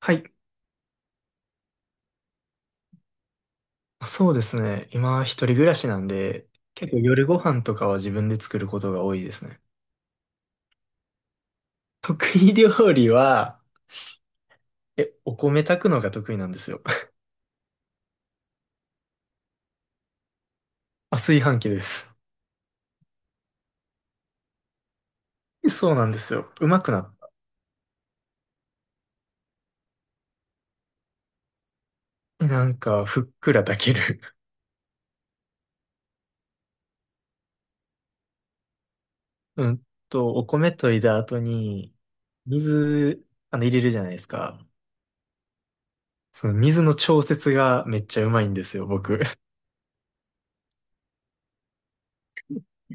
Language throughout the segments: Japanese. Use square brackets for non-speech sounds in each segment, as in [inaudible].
はい。そうですね。今、一人暮らしなんで、結構夜ご飯とかは自分で作ることが多いですね。得意料理は、お米炊くのが得意なんですよ。[laughs] あ、炊飯器です。そうなんですよ。うまくなった。なんか、ふっくら炊ける。[laughs] うんと、お米といだ後に、水、入れるじゃないですか。その水の調節がめっちゃうまいんですよ、僕。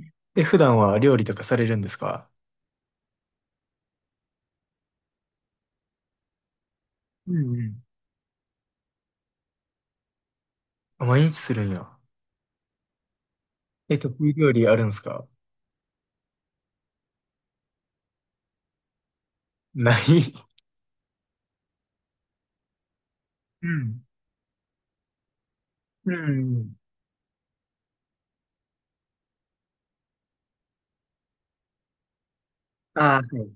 [laughs] え、普段は料理とかされるんですか？うんうん。あ、毎日するんや。え、得意料理あるんですか？ない。[laughs] うん。うん。ああ、はい。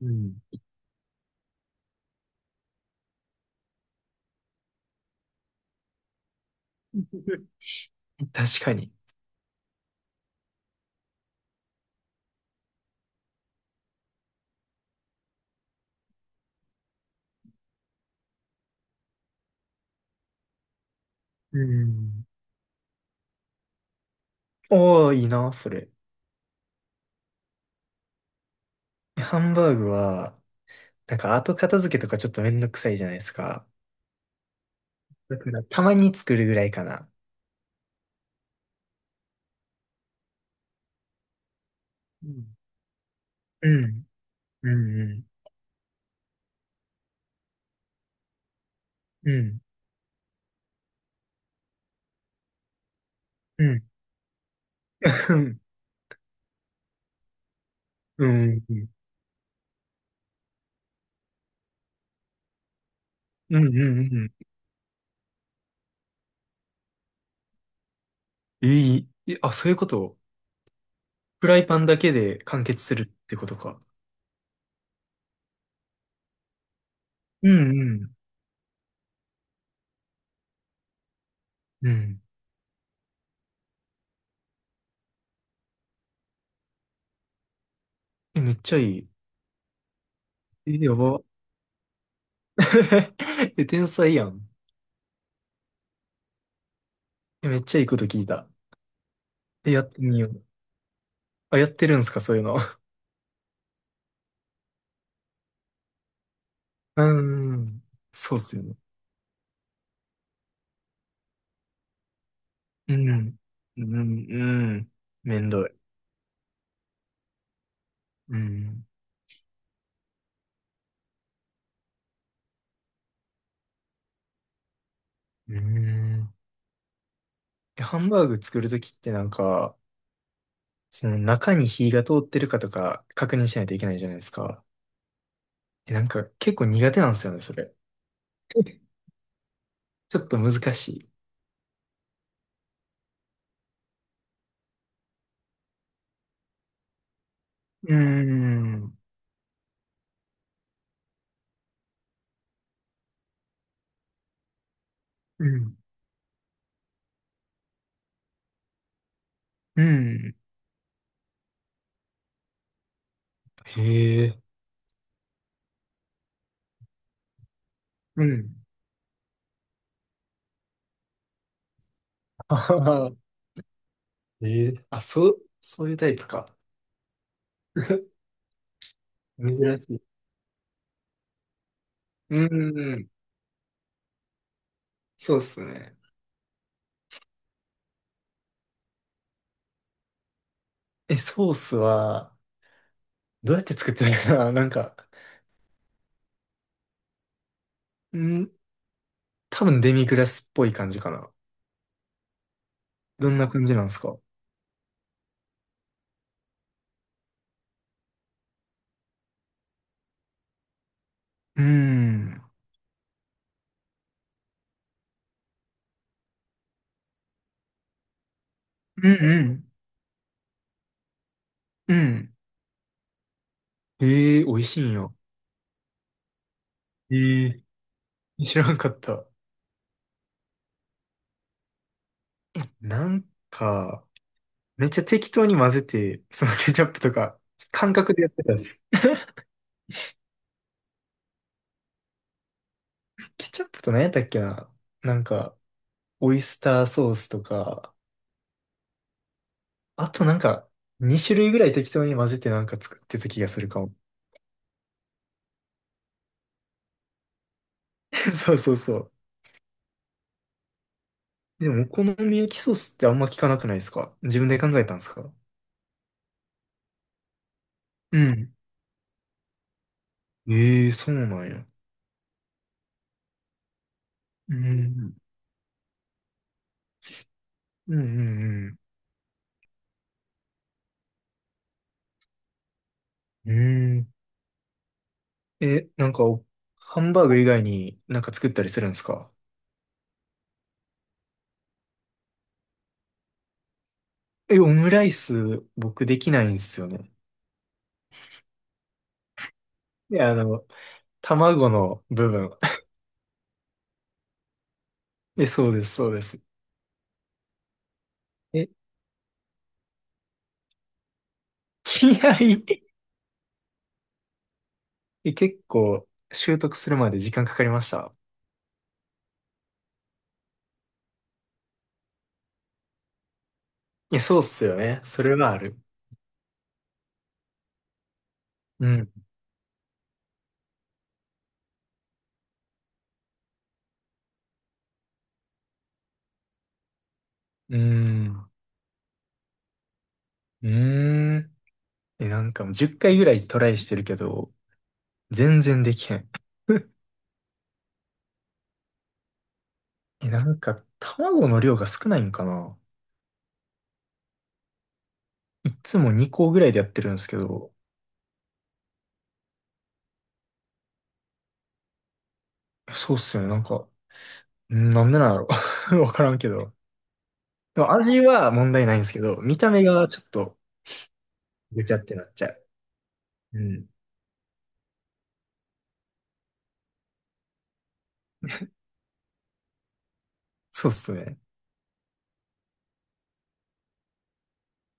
うん。確かに。うん。おー、いいな、それ。ハンバーグは、なんか後片付けとかちょっとめんどくさいじゃないですか。だからたまに作るぐらいかな。うん。うん。うん。うん。うん。うん。うん。うん。うん。うんうん。いえ、あ、そういうこと？フライパンだけで完結するってことか。うん。うん。うん。え、めっちゃいい。え、やば。[laughs] え、天才やん。えめっちゃいいこと聞いた。え、やってみよう。あ、やってるんすか、そういうの？[laughs] うーん。そうっすよね。うん。うん、うん。めんどい。うん。うん。え、ハンバーグ作るときってなんか、その中に火が通ってるかとか確認しないといけないじゃないですか。え、なんか結構苦手なんですよね、それ。[laughs] ちょっと難しい。[laughs] うーん。うん。うん。へえ。うん。[laughs] あはは。ええ。あ、そう、そういうタイプか。[laughs] 珍しい。うーん。そうっすね。え、ソースは、どうやって作ってたかな。 [laughs] なんか、うん、多分デミグラスっぽい感じかな。どんな感じなんですか？うーん。うんうん。うん。ええー、美味しいんよ。ええ。知らんかった。なんか、めっちゃ適当に混ぜて、そのケチャップとか、感覚でやってたっす。ケチャップと何やったっけな。なんか、オイスターソースとか、あとなんか、2種類ぐらい適当に混ぜてなんか作ってた気がするかも。[laughs] そうそうそう。でも、お好み焼きソースってあんま聞かなくないですか？自分で考えたんですか？うん。ええ、そうなんや。うん。うんうんうん。うん。え、なんかハンバーグ以外になんか作ったりするんですか？え、オムライス、僕できないんですよね。いや、あの、卵の部分。[laughs] え、そうです、そうです。え、気合い。 [laughs] え、結構、習得するまで時間かかりました。いや、そうっすよね。それはある。うん。うん。うーん。え、なんかもう10回ぐらいトライしてるけど、全然できへん。え、なんか卵の量が少ないんかな？いつも2個ぐらいでやってるんですけど、そうっすよね。なんか、なんでなんやろ。 [laughs] わからんけど。でも味は問題ないんですけど、見た目がちょっとぐちゃってなっちゃう。うん。そうっすね。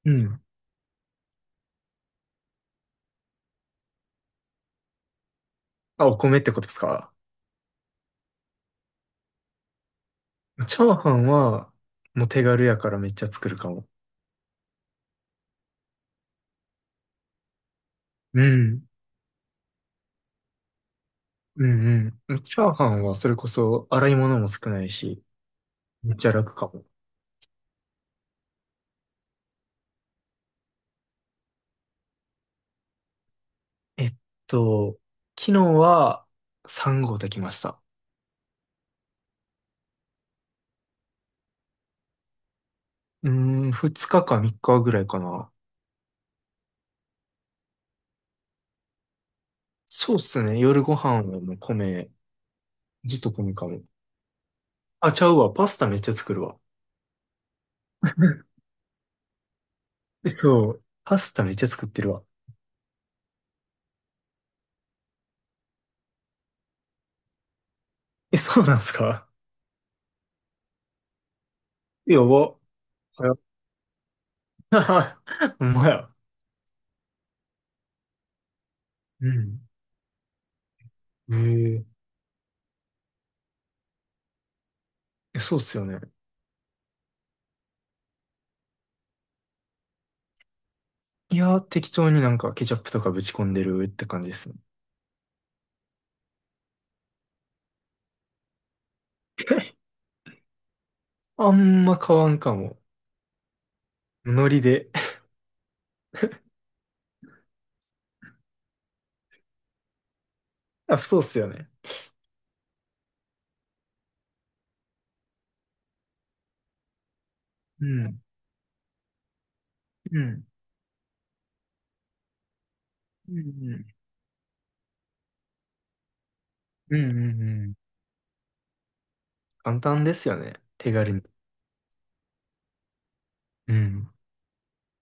うん。あ、お米ってことですか？チャーハンは、もう手軽やからめっちゃ作るかも。うん。うんうん。チャーハンはそれこそ洗い物も少ないし、めっちゃ楽かも。えっと、昨日は3合炊きました。うーん、2日か3日ぐらいかな。そうっすね。夜ご飯はもう米、ずっと米かも。あ、ちゃうわ。パスタめっちゃ作るわ。[laughs] えそう。パスタめっちゃ作ってるわ。え、そうなんすか？やば。はや。 [laughs] ほんまや。うん。へええ、そうっすよね。いや、適当になんかケチャップとかぶち込んでるって感じですね。[laughs] あんま変わんかも。ノリで。[laughs] あ、そうっすよね。うん、うん、うん、うん、うん、うん。簡単ですよね。手軽に。うん。